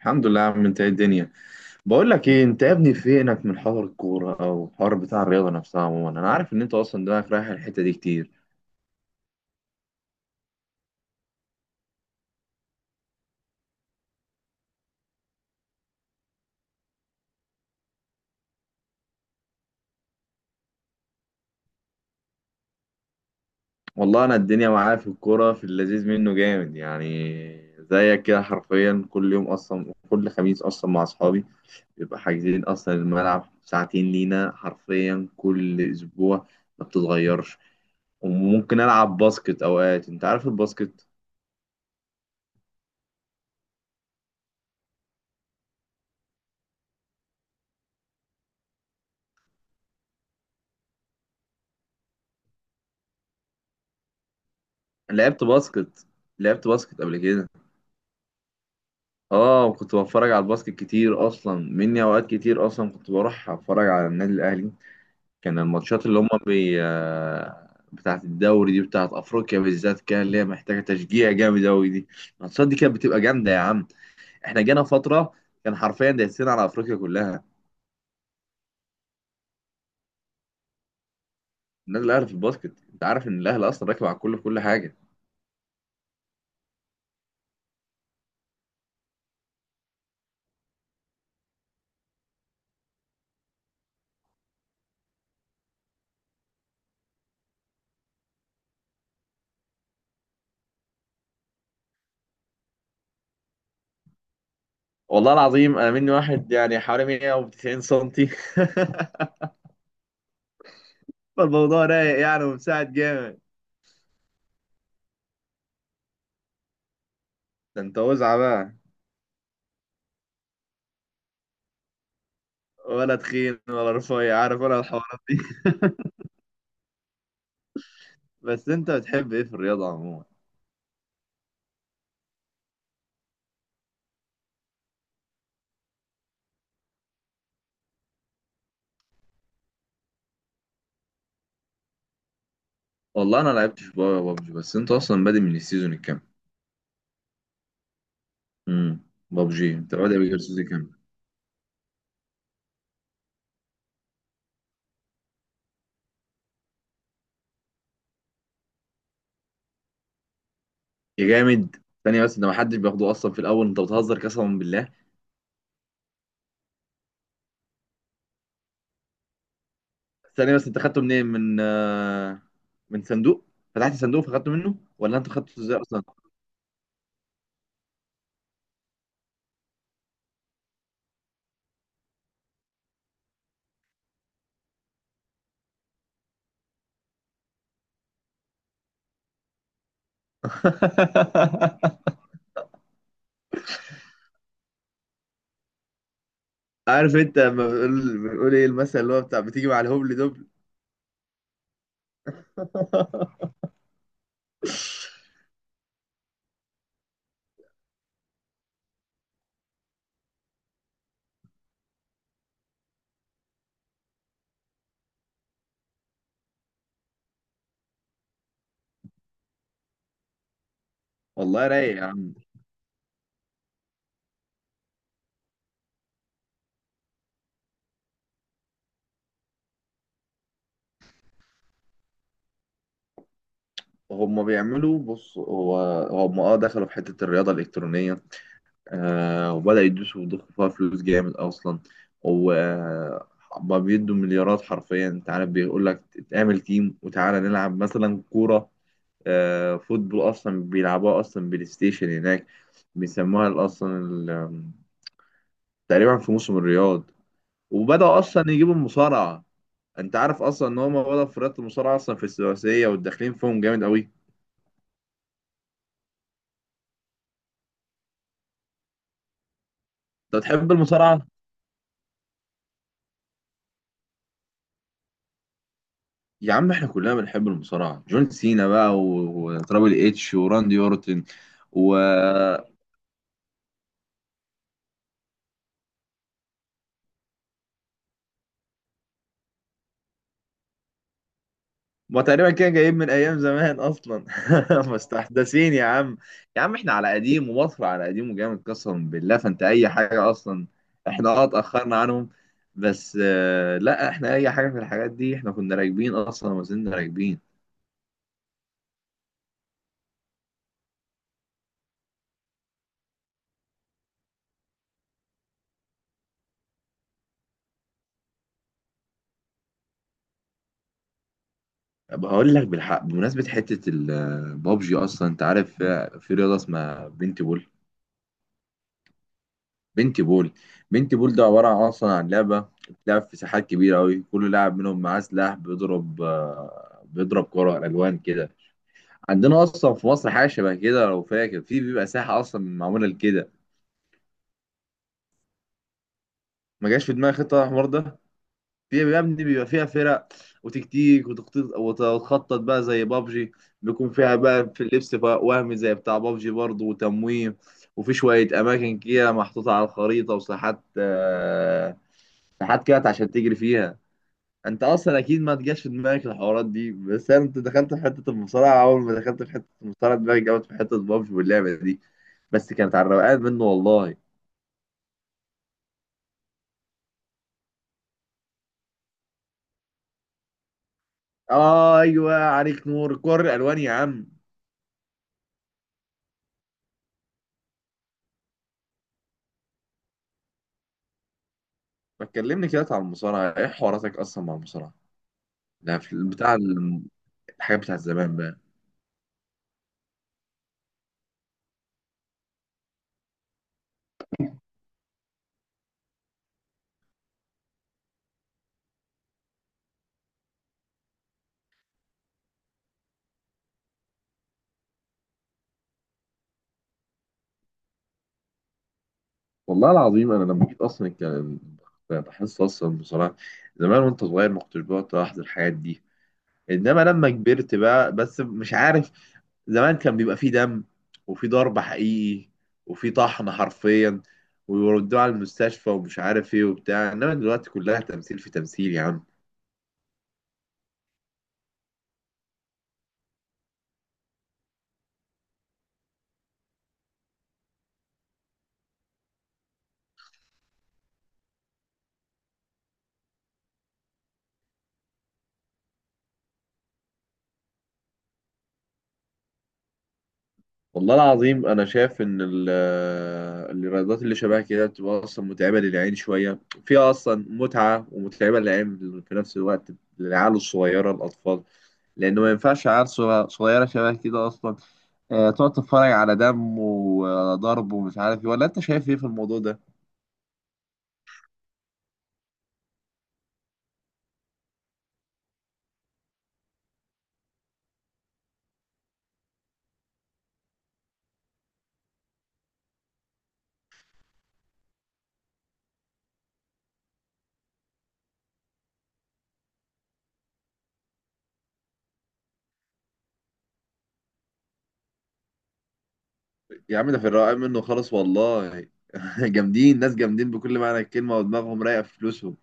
الحمد لله يا عم، انت ايه الدنيا؟ بقول لك ايه، انت يا ابني فينك من حوار الكوره او الحوار بتاع الرياضه نفسها؟ عموما انا عارف ان انت اصلا دماغك رايح الحته دي كتير. والله انا الدنيا معايا في الكوره، في اللذيذ منه جامد يعني. زيك كده حرفيا كل يوم، اصلا كل خميس اصلا مع اصحابي بيبقى حاجزين اصلا الملعب ساعتين لينا حرفيا كل اسبوع، ما بتتغيرش. وممكن العب باسكت اوقات، انت عارف الباسكت. لعبت باسكت، لعبت باسكت قبل كده. اه، وكنت بتفرج على الباسكت كتير اصلا مني، اوقات كتير اصلا كنت بروح اتفرج على النادي الاهلي. كان الماتشات اللي هم بي آه، بتاعت الدوري دي، بتاعت افريقيا بالذات، كان اللي هي محتاجه تشجيع جامد اوي دي. الماتشات دي كانت بتبقى جامده يا عم. احنا جانا فتره كان حرفيا دايسين على افريقيا كلها. النادي الاهلي في الباسكت، انت عارف ان الاهلي اصلا راكب على الكل في كل حاجه. والله العظيم انا مني واحد يعني حوالي 190 سنتي. فالموضوع رايق يعني، ومساعد جامد. ده انت وزعه بقى. ولا تخين ولا رفيع، عارف، ولا الحوارات دي. بس انت بتحب ايه في الرياضه عموما؟ والله انا لعبتش بابجي، بس انت اصلا بادئ من السيزون الكام؟ امم بابجي، انت بادئ من السيزون الكام؟ يا جامد. ثانيه بس، ده ما حدش بياخده اصلا في الاول، انت بتهزر قسما بالله. ثانيه بس، انت خدته منين؟ من من صندوق؟ فتحت صندوق فخدته منه ولا انت خدته ازاي اصلا؟ عارف انت لما بنقول ايه المثل اللي هو بتاع بتيجي مع الهبل دبل؟ والله رايق يا عم. هم بيعملوا، بص، هم اه دخلوا في حتة الرياضة الإلكترونية. آه، وبدأوا يدوسوا ويضخوا فيها فلوس جامد أصلا. وما بيدوا مليارات حرفيا، أنت عارف، بيقول لك اتعمل تيم وتعالى نلعب مثلا كورة. آه، فوتبول أصلا بيلعبوها أصلا بلاي ستيشن هناك. بيسموها تقريبا في موسم الرياض. وبدأوا أصلا يجيبوا المصارعة. أنت عارف أصلا إن هم بدأوا في رياضة المصارعة أصلا في الثلاثية، وداخلين فيهم جامد أوي أنت. بتحب المصارعة؟ يا عم احنا كلنا بنحب المصارعة، جون سينا بقى و- وترابل اتش وراندي اورتن. و ما تقريبا كده جايب من ايام زمان اصلا. مستحدثين يا عم. يا عم احنا على قديم ومصر على قديم وجامد قسما بالله، فانت اي حاجة اصلا احنا اه اتأخرنا عنهم، بس لا، احنا اي حاجة في الحاجات دي احنا كنا راكبين اصلا وما زلنا راكبين. بقول لك بالحق، بمناسبة حتة البابجي اصلا، انت عارف في رياضة اسمها بنتي. بنتي بول. بنتي بول ده عبارة عن أصلا عن لعبة بتلعب في ساحات كبيرة أوي، كل لاعب منهم معاه سلاح بيضرب، بيضرب كرة ألوان كده. عندنا أصلا في مصر حاجة شبه كده لو فاكر، في بيبقى ساحة أصلا معمولة لكده. ما جاش في دماغي خطة الحوار ده. في يا ابني بيبقى فيها فرق وتكتيك وتخطيط، وتخطط بقى زي بابجي. بيكون فيها بقى في اللبس بقى وهمي زي بتاع بابجي برضه، وتمويه، وفي شوية أماكن كده محطوطة على الخريطة وساحات آه، ساحات كده عشان تجري فيها. انت اصلا اكيد ما تجاش في دماغك الحوارات دي، بس انا انت دخلت في حته المصارعه، اول ما دخلت في حته المصارعه دماغي جابت في حته بابجي واللعبه دي، بس كانت على الروقان منه والله. آه ايوه، عليك نور، كور الالوان يا عم. ما تكلمني كده على المصارعه، ايه حواراتك اصلا مع المصارعه؟ لا، في الحاجات بتاع زمان بقى. والله العظيم انا لما جيت اصلا كان بحس اصلا المصارعه، زمان وانت صغير ما كنتش بقعد الاحظ الحاجات دي، انما لما كبرت بقى، بس مش عارف، زمان كان بيبقى فيه دم، وفيه ضرب حقيقي، وفيه طحن حرفيا، ويودوه على المستشفى ومش عارف ايه وبتاع، انما دلوقتي كلها تمثيل في تمثيل يا عم. والله العظيم انا شايف ان الرياضات اللي شبه كده بتبقى اصلا متعبه للعين شويه، فيها اصلا متعه ومتعبه للعين في نفس الوقت. للعيال الصغيره الاطفال، لان ما ينفعش عيال صغيره شبه كده اصلا تقعد تتفرج على دم وضرب ومش عارف ايه. ولا انت شايف ايه في الموضوع ده؟ يا عم ده في الرقم منه خالص والله. جامدين، ناس جامدين بكل معنى الكلمه ودماغهم رايقه في فلوسهم.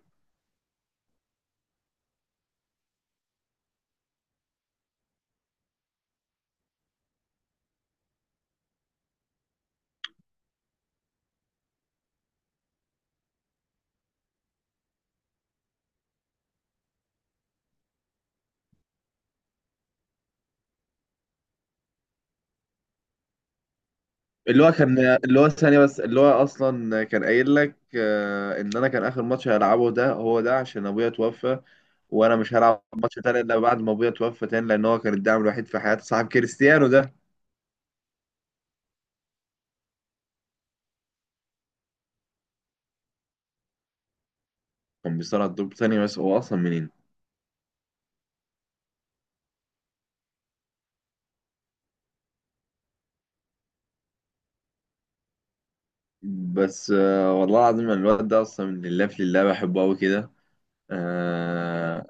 اللي هو كان اللي هو ثانية بس، اللي هو أصلا كان قايل لك إن أنا كان آخر ماتش هلعبه ده هو ده، عشان أبويا توفى، وأنا مش هلعب ماتش تاني إلا بعد ما أبويا توفى تاني، لأن هو كان الداعم الوحيد في حياتي، صاحب كريستيانو ده. كان بيصارع الدور، ثانية بس، هو أصلا منين؟ بس والله العظيم يعني الواد ده أصلا من لله في لله، بحبه أوي كده. آه،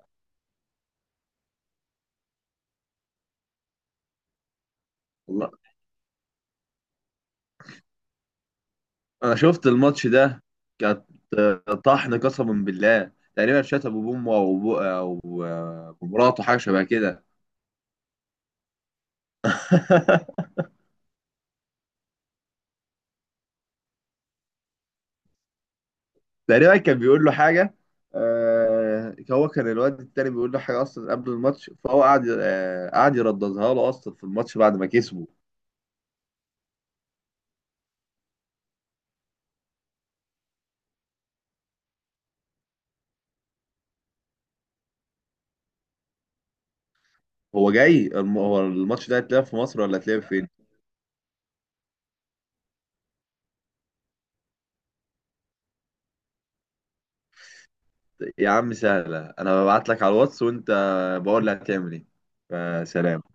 والله أنا شفت الماتش ده، كانت آه، طحن قسما بالله. تقريبا شات أبو بومه أو أبو أو أو مراته، حاجة شبه كده. تقريبا كان بيقول له حاجه، آه، هو كان الواد التاني بيقول له حاجه اصلا قبل الماتش، فهو قعد آه قعد يرددها له اصلا في الماتش بعد ما كسبه. هو الماتش ده هيتلعب في مصر ولا هيتلعب فين؟ يا عم سهله، انا ببعت لك على الواتس وانت بقول لي هتعمل ايه. فسلام.